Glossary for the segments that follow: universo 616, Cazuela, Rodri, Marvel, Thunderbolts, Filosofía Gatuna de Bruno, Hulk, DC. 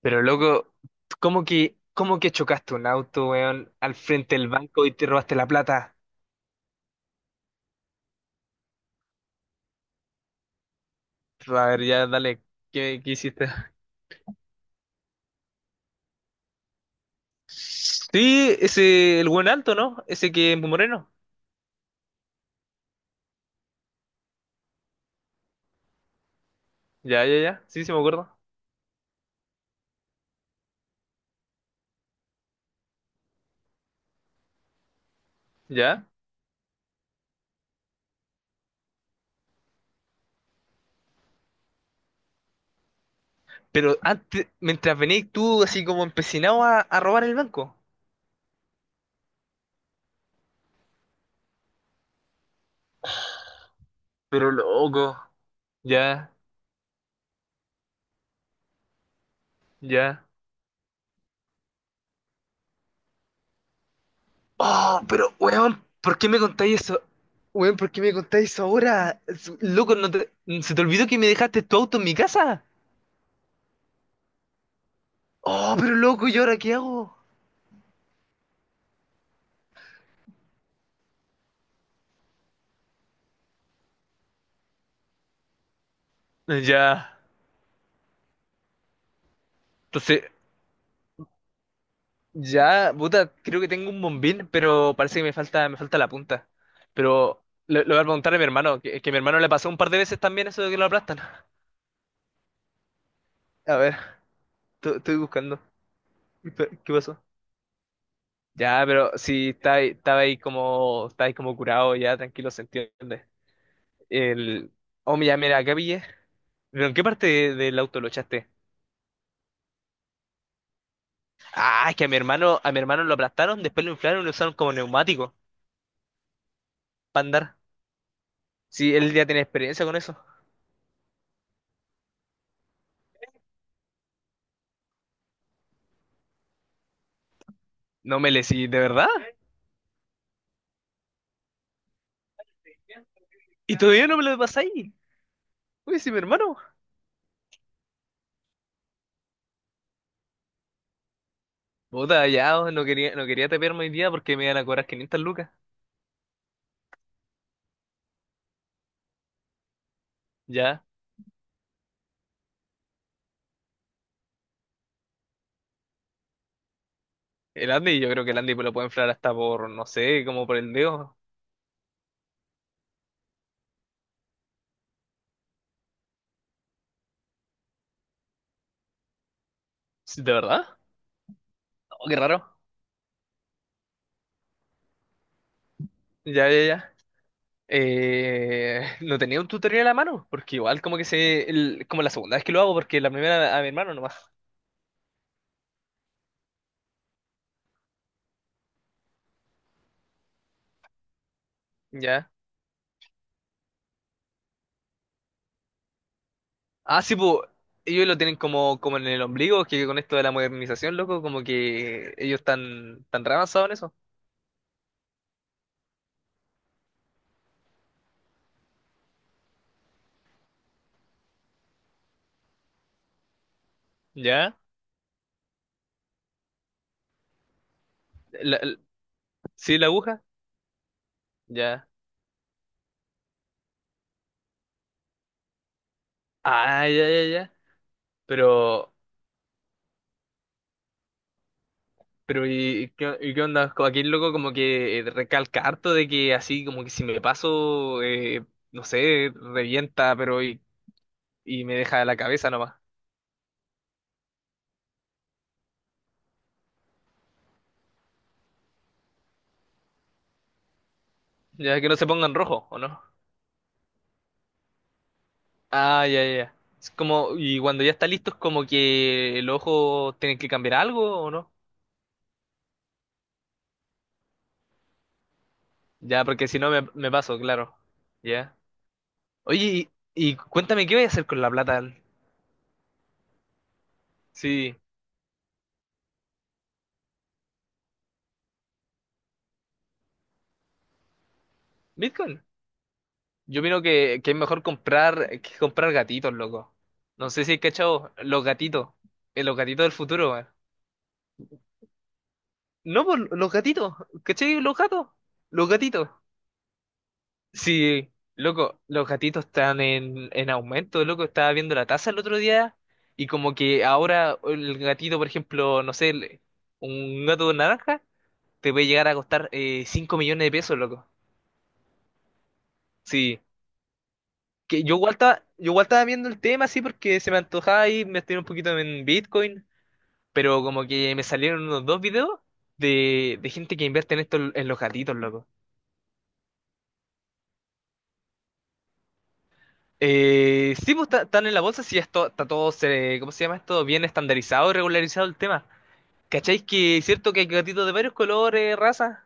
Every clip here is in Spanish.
Pero loco, ¿cómo que chocaste un auto, weón, al frente del banco y te robaste la plata? A ver, ya dale, ¿qué hiciste? Sí, ese, el buen alto, ¿no? Ese que es moreno. Ya, ya, ya, sí, sí me acuerdo. Ya. Pero antes, mientras venís tú así como empecinado a robar el banco. Pero loco, ya, ya. Oh, pero weón, ¿por qué me contáis eso? Weón, ¿por qué me contáis eso ahora? Loco, ¿no te- ¿se te olvidó que me dejaste tu auto en mi casa? Oh, pero loco, ¿y ahora qué hago? Ya. Entonces, ya, puta, creo que tengo un bombín, pero parece que me falta la punta. Pero lo voy a preguntar a mi hermano, que a mi hermano le pasó un par de veces también eso de que lo aplastan. A ver, estoy buscando. ¿Qué pasó? Ya, pero sí, estaba ahí como curado, ya, tranquilo, se entiende. El, oh, mira, mira, acá pillé. ¿Pero en qué parte del auto lo echaste? Ah, es que a mi hermano lo aplastaron, después lo inflaron y lo usaron como neumático para andar. Sí, él ya tiene experiencia con eso. No me le sí, ¿de verdad? ¿Y todavía no me lo pasáis? Uy, sí, mi hermano. Puta, ya, oh, no quería tapearme hoy día porque me iban a cobrar 500 lucas. Ya. El Andy, yo creo que el Andy lo puede inflar hasta por, no sé, como por el dedo. Sí, ¿de verdad? No, qué raro. Ya, ya, ya. No tenía un tutorial a la mano, porque igual como que como la segunda vez que lo hago, porque la primera a mi hermano nomás. Ya. Ah, sí, pues ellos lo tienen como en el ombligo, que con esto de la modernización, loco, como que ellos están tan re avanzados en eso. ¿Ya? La- la- ¿Sí, la aguja? Ya. Ah, ya, ya, ya. Pero, pero ¿y qué onda? Como aquí el loco como que recalca harto de que así como que si me paso, no sé, revienta, pero y, me deja la cabeza nomás. Ya que no se pongan rojo, ¿o no? Ah, ya, ya, ya. Es como, y cuando ya está listo, es como que el ojo tiene que cambiar algo o no. Ya, porque si no me paso, claro. Ya. Oye, y cuéntame, ¿qué voy a hacer con la plata? Sí, Bitcoin. Yo miro que es mejor comprar que comprar gatitos, loco. No sé si has cachado los gatitos. Los gatitos del futuro, weón. No, pues los gatitos. ¿Cachai? Los gatos. Los gatitos. Sí, loco, los gatitos están en, aumento, loco. Estaba viendo la tasa el otro día y como que ahora el gatito, por ejemplo, no sé, un gato naranja te puede llegar a costar 5 millones de pesos, loco. Sí, que yo igual estaba viendo el tema así porque se me antojaba y me estoy un poquito en Bitcoin, pero como que me salieron unos dos videos de gente que invierte en esto en los gatitos, loco. Sí, pues están en la bolsa, sí, esto, está todo, ¿cómo se llama esto? Bien estandarizado, y regularizado el tema. ¿Cacháis que es cierto que hay gatitos de varios colores, razas?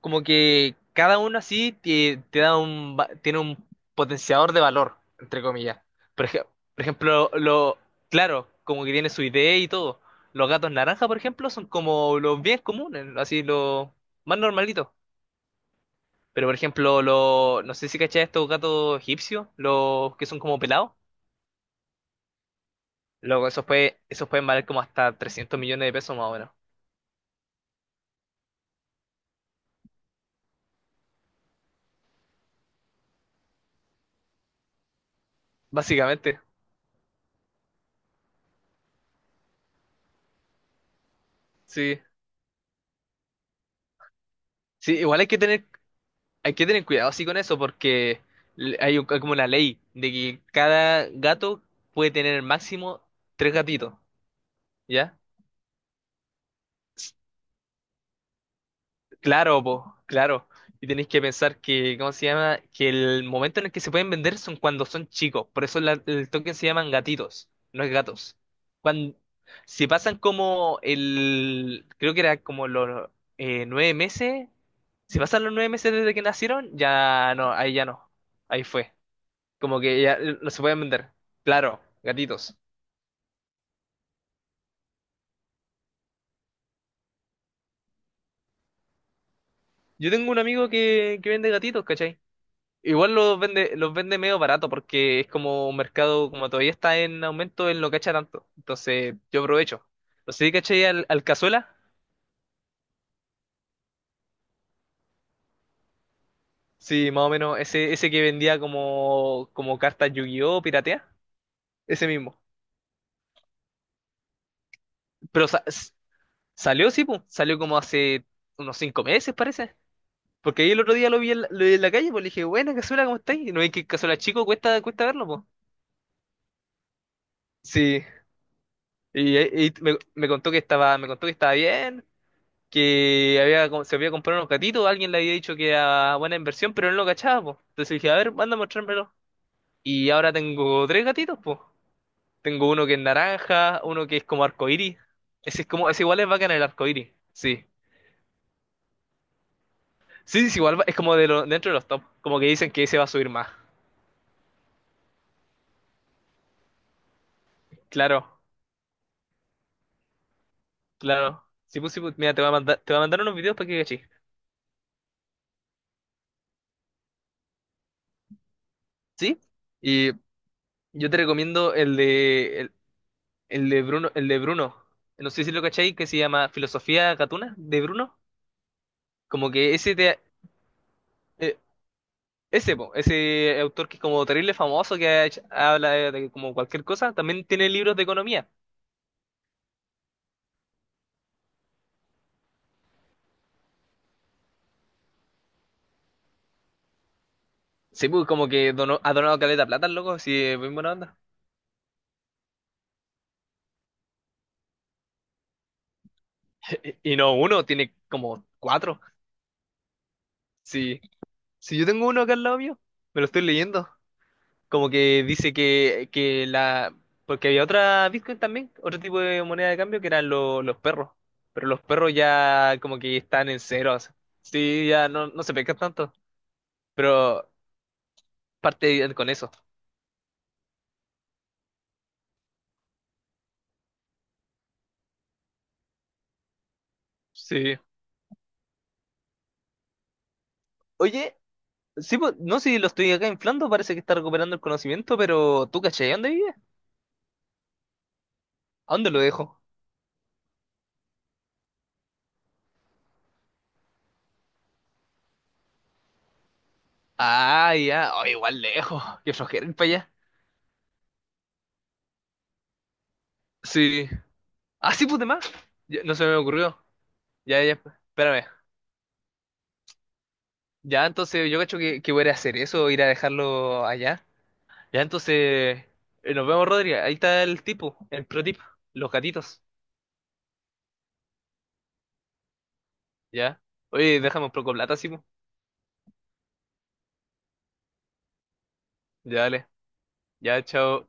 Como que cada uno así te da tiene un potenciador de valor, entre comillas. Por ej- por ejemplo, claro, como que tiene su idea y todo. Los gatos naranja, por ejemplo, son como los bien comunes, así los más normalitos. Pero, por ejemplo, no sé si cacháis estos gatos egipcios, los que son como pelados. Luego, eso pueden valer como hasta 300 millones de pesos más o menos. Básicamente, sí. Sí, igual hay que tener cuidado así con eso porque hay, hay como una ley de que cada gato puede tener máximo tres gatitos, ¿ya? Claro, po, claro. Y tenéis que pensar que, ¿cómo se llama? Que el momento en el que se pueden vender son cuando son chicos. Por eso el token se llaman gatitos, no es gatos. Cuando, si pasan creo que era como los 9 meses, si pasan los 9 meses desde que nacieron, ya no. Ahí fue. Como que ya no se pueden vender. Claro, gatitos. Yo tengo un amigo que vende gatitos, ¿cachai? Igual los vende medio barato porque es como un mercado, como todavía está en aumento, él no cacha tanto. Entonces yo aprovecho. No sé si caché al Cazuela. Sí, más o menos ese que vendía como cartas Yu-Gi-Oh! Piratea. Ese mismo. Pero sa- s- salió, sí, pues. Salió como hace unos 5 meses, parece. Porque ahí el otro día lo vi en la calle, pues le dije, buena Cazuela, ¿cómo estáis? Y no veis que Cazuela chico cuesta, verlo, pues. Sí. Y me me contó que estaba bien, se había comprado unos gatitos, alguien le había dicho que era buena inversión, pero él no cachaba, po. Entonces dije, a ver, manda a mostrármelo. Y ahora tengo tres gatitos, po. Tengo uno que es naranja, uno que es como arcoíris. Ese igual es bacán el arcoíris, sí. Sí, sí, sí, igual es como dentro de los top, como que dicen que ese va a subir más. Claro, claro. Sí, pues, mira, te voy a mandar unos videos para que cachis. ¿Sí? Y yo te recomiendo el de Bruno, no sé si lo cacháis, que se llama Filosofía Gatuna de Bruno. Como que ese te- eh, ese, po, ese autor que es como terrible famoso, que habla de, como cualquier cosa, también tiene libros de economía. Sí, pues como que ha donado caleta de plata, el loco, sí, es muy buena onda. Y no uno, tiene como cuatro. Sí, si yo tengo uno acá al lado mío, me lo estoy leyendo. Como que dice que la. Porque había otra Bitcoin también, otro tipo de moneda de cambio que eran los perros. Pero los perros ya como que están en ceros. Sí, ya no, no se pescan tanto. Pero parte con eso. Sí. Oye, sí, pues, no sé si lo estoy acá inflando, parece que está recuperando el conocimiento, pero ¿tú cachai? ¿Dónde vive? ¿A dónde lo dejo? Ah, ya. Oh, igual lejos. Qué flojera ir para allá. Sí. Ah, sí, pues más. Ya, no se me ocurrió. Ya, ya. Espérame. Ya, entonces yo cacho que, voy a ir a hacer eso, ir a dejarlo allá. Ya, entonces nos vemos, Rodri. Ahí está el tipo, el pro tip, los gatitos. Ya. Oye, déjame un poco de plata, sí, Ya, dale. Ya, chao.